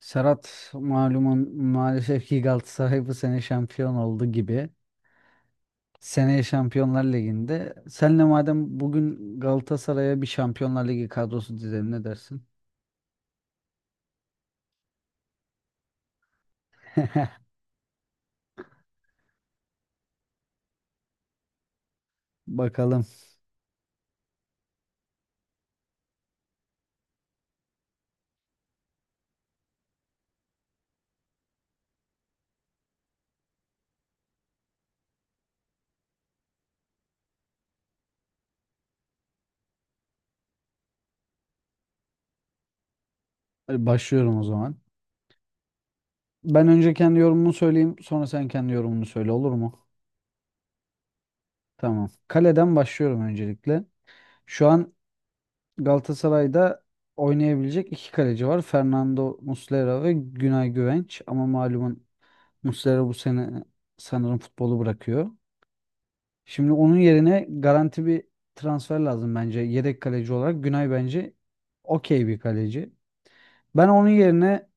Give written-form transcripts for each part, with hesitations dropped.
Serhat malumun maalesef ki Galatasaray bu sene şampiyon oldu gibi. Seneye Şampiyonlar Ligi'nde. Senle madem bugün Galatasaray'a bir Şampiyonlar Ligi kadrosu dizelim ne dersin? Bakalım. Hadi başlıyorum o zaman. Ben önce kendi yorumumu söyleyeyim, sonra sen kendi yorumunu söyle olur mu? Tamam. Kaleden başlıyorum öncelikle. Şu an Galatasaray'da oynayabilecek iki kaleci var. Fernando Muslera ve Günay Güvenç. Ama malumun Muslera bu sene sanırım futbolu bırakıyor. Şimdi onun yerine garanti bir transfer lazım bence. Yedek kaleci olarak Günay bence okey bir kaleci. Ben onun yerine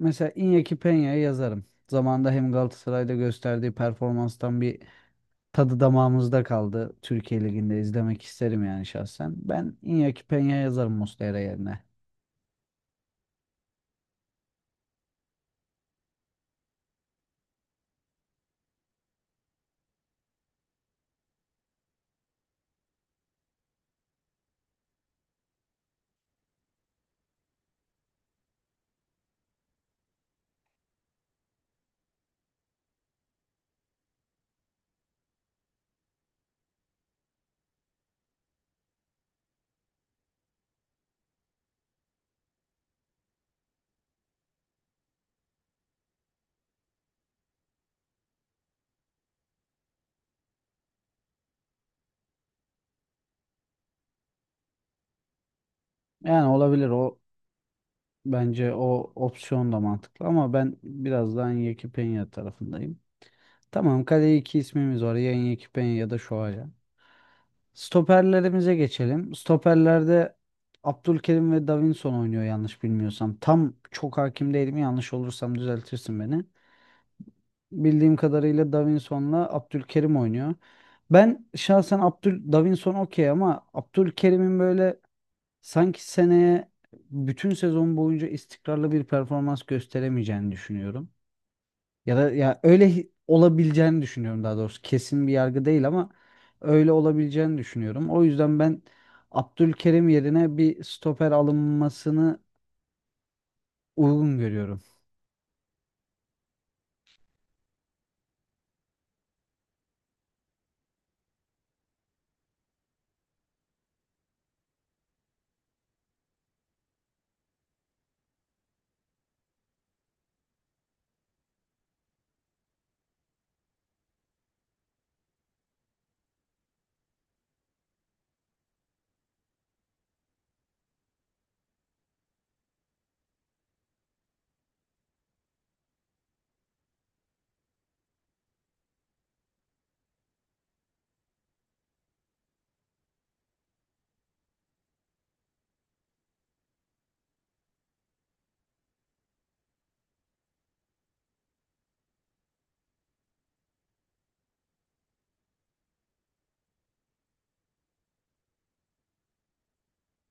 mesela Iñaki Peña'yı yazarım. Zamanında hem Galatasaray'da gösterdiği performanstan bir tadı damağımızda kaldı. Türkiye Ligi'nde izlemek isterim yani şahsen. Ben Iñaki Peña yazarım Muslera yerine. Yani olabilir o, bence o opsiyon da mantıklı ama ben biraz daha Iñaki Peña tarafındayım. Tamam, kaleye iki ismimiz var. Yanyekipenya ya da Şoaya. Stoperlerimize geçelim. Stoperlerde Abdülkerim ve Davinson oynuyor yanlış bilmiyorsam. Tam çok hakim değilim. Yanlış olursam düzeltirsin beni. Bildiğim kadarıyla Davinson'la Abdülkerim oynuyor. Ben şahsen Abdül Davinson okey ama Abdülkerim'in böyle sanki seneye bütün sezon boyunca istikrarlı bir performans gösteremeyeceğini düşünüyorum. Ya da ya öyle olabileceğini düşünüyorum daha doğrusu. Kesin bir yargı değil ama öyle olabileceğini düşünüyorum. O yüzden ben Abdülkerim yerine bir stoper alınmasını uygun görüyorum.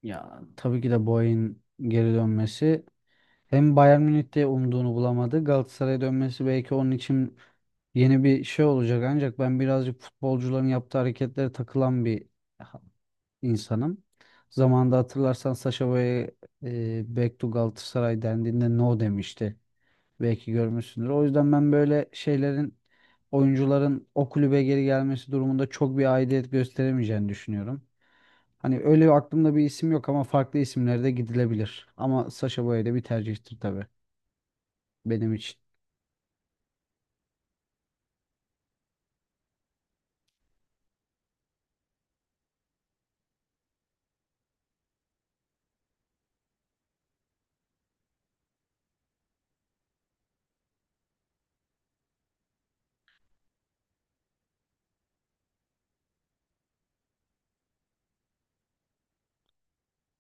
Ya tabii ki de Boey'in geri dönmesi, hem Bayern Münih'te umduğunu bulamadı. Galatasaray'a dönmesi belki onun için yeni bir şey olacak, ancak ben birazcık futbolcuların yaptığı hareketlere takılan bir ha- insanım. Zamanında hatırlarsan Sacha Boey'e Back to Galatasaray dendiğinde no demişti. Belki görmüşsündür. O yüzden ben böyle şeylerin, oyuncuların o kulübe geri gelmesi durumunda çok bir aidiyet gösteremeyeceğini düşünüyorum. Hani öyle aklımda bir isim yok ama farklı isimlere de gidilebilir. Ama Sacha Boey de bir tercihtir tabii benim için.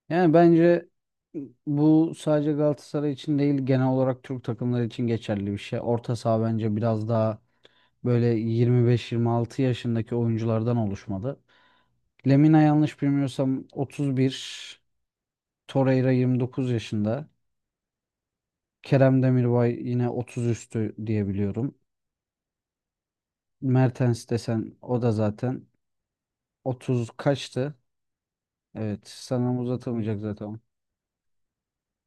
Yani bence bu sadece Galatasaray için değil, genel olarak Türk takımları için geçerli bir şey. Orta saha bence biraz daha böyle 25-26 yaşındaki oyunculardan oluşmalı. Lemina yanlış bilmiyorsam 31, Torreira 29 yaşında. Kerem Demirbay yine 30 üstü diye biliyorum. Mertens desen o da zaten 30 kaçtı? Evet sanırım uzatamayacak zaten.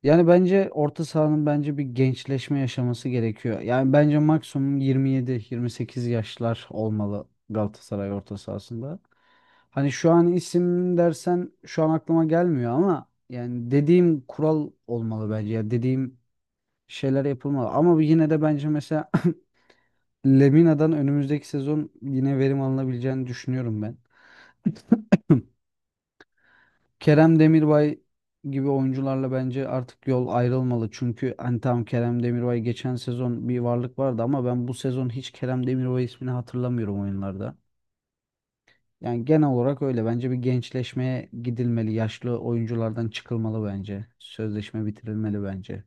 Yani bence orta sahanın bence bir gençleşme yaşaması gerekiyor. Yani bence maksimum 27-28 yaşlar olmalı Galatasaray orta sahasında. Hani şu an isim dersen şu an aklıma gelmiyor ama yani dediğim kural olmalı bence. Ya dediğim şeyler yapılmalı. Ama yine de bence mesela Lemina'dan önümüzdeki sezon yine verim alınabileceğini düşünüyorum ben. Kerem Demirbay gibi oyuncularla bence artık yol ayrılmalı. Çünkü hani tamam, Kerem Demirbay geçen sezon bir varlık vardı ama ben bu sezon hiç Kerem Demirbay ismini hatırlamıyorum oyunlarda. Yani genel olarak öyle. Bence bir gençleşmeye gidilmeli. Yaşlı oyunculardan çıkılmalı bence. Sözleşme bitirilmeli bence.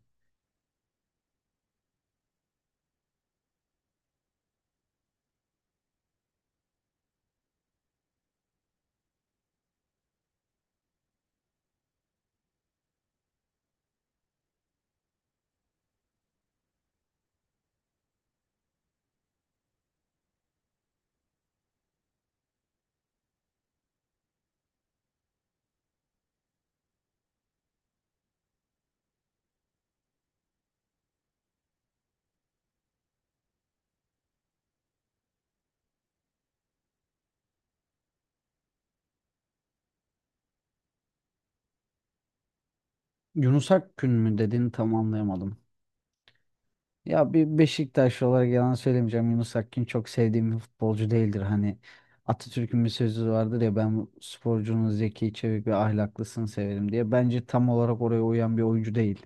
Yunus Akgün mü dediğini tam anlayamadım. Ya bir Beşiktaşlı olarak yalan söylemeyeceğim. Yunus Akgün çok sevdiğim bir futbolcu değildir. Hani Atatürk'ün bir sözü vardır ya, ben sporcunun zeki, çevik ve ahlaklısını severim diye. Bence tam olarak oraya uyan bir oyuncu değil.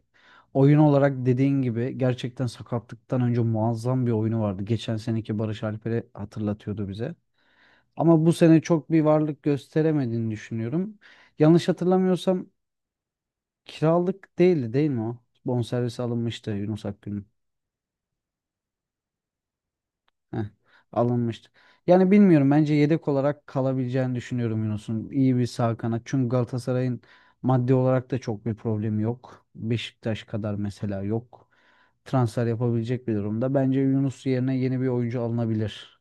Oyun olarak dediğin gibi gerçekten sakatlıktan önce muazzam bir oyunu vardı. Geçen seneki Barış Alper'i hatırlatıyordu bize. Ama bu sene çok bir varlık gösteremediğini düşünüyorum. Yanlış hatırlamıyorsam kiralık değildi değil mi o? Bonservisi alınmıştı Yunus Akgün'ün. Heh, alınmıştı. Yani bilmiyorum, bence yedek olarak kalabileceğini düşünüyorum Yunus'un. İyi bir sağ kanat. Çünkü Galatasaray'ın maddi olarak da çok bir problemi yok. Beşiktaş kadar mesela yok. Transfer yapabilecek bir durumda. Bence Yunus yerine yeni bir oyuncu alınabilir.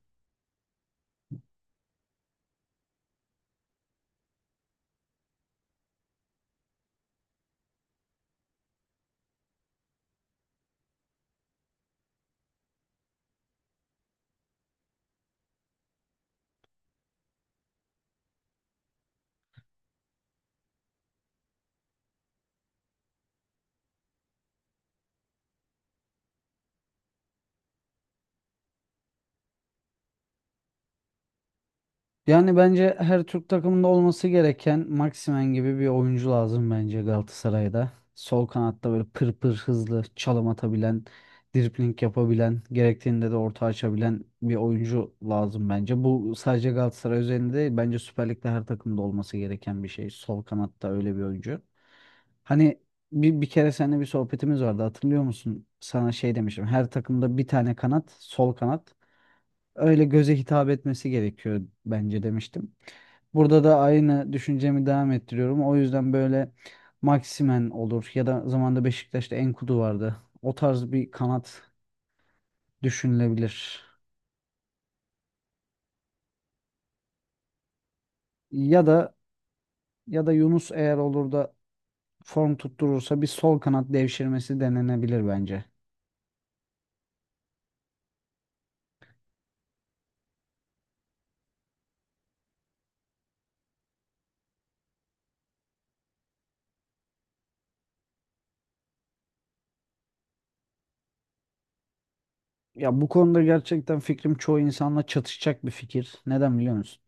Yani bence her Türk takımında olması gereken Maximen gibi bir oyuncu lazım bence Galatasaray'da. Sol kanatta böyle pır pır hızlı çalım atabilen, dribling yapabilen, gerektiğinde de orta açabilen bir oyuncu lazım bence. Bu sadece Galatasaray üzerinde değil, bence Süper Lig'de her takımda olması gereken bir şey. Sol kanatta öyle bir oyuncu. Hani bir kere seninle bir sohbetimiz vardı, hatırlıyor musun? Sana şey demiştim. Her takımda bir tane kanat, sol kanat öyle göze hitap etmesi gerekiyor bence demiştim. Burada da aynı düşüncemi devam ettiriyorum. O yüzden böyle Maximen olur ya da zamanda Beşiktaş'ta Enkudu vardı. O tarz bir kanat düşünülebilir. Ya da ya da Yunus eğer olur da form tutturursa bir sol kanat devşirmesi denenebilir bence. Ya bu konuda gerçekten fikrim çoğu insanla çatışacak bir fikir. Neden biliyor musun?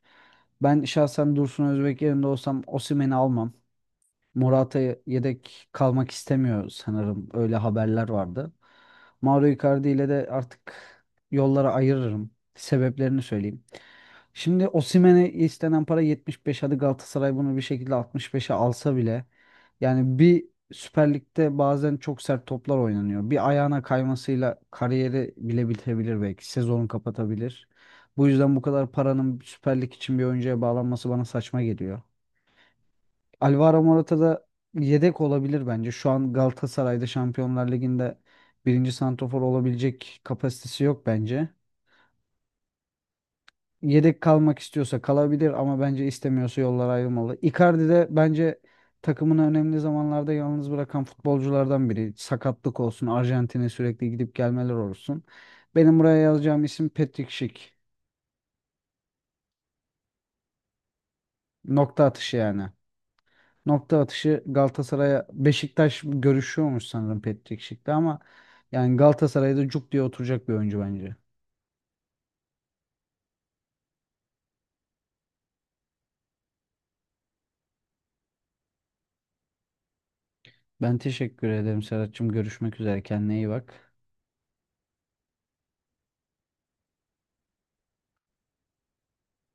Ben şahsen Dursun Özbek yerinde olsam Osimhen'i almam. Morata yedek kalmak istemiyor sanırım. Öyle haberler vardı. Mauro Icardi ile de artık yollara ayırırım. Sebeplerini söyleyeyim. Şimdi Osimhen'e istenen para 75. Hadi Galatasaray bunu bir şekilde 65'e alsa bile, yani bir, Süper Lig'de bazen çok sert toplar oynanıyor. Bir ayağına kaymasıyla kariyeri bile bitebilir belki. Sezonu kapatabilir. Bu yüzden bu kadar paranın Süper Lig için bir oyuncuya bağlanması bana saçma geliyor. Alvaro Morata da yedek olabilir bence. Şu an Galatasaray'da Şampiyonlar Ligi'nde birinci santrafor olabilecek kapasitesi yok bence. Yedek kalmak istiyorsa kalabilir ama bence istemiyorsa yollar ayrılmalı. Icardi de bence takımını önemli zamanlarda yalnız bırakan futbolculardan biri. Sakatlık olsun, Arjantin'e sürekli gidip gelmeler olsun. Benim buraya yazacağım isim Patrick Schick. Nokta atışı yani. Nokta atışı Galatasaray'a. Beşiktaş görüşüyormuş sanırım Patrick Schick'le ama yani Galatasaray'da cuk diye oturacak bir oyuncu bence. Ben teşekkür ederim Serhat'cığım. Görüşmek üzere. Kendine iyi bak.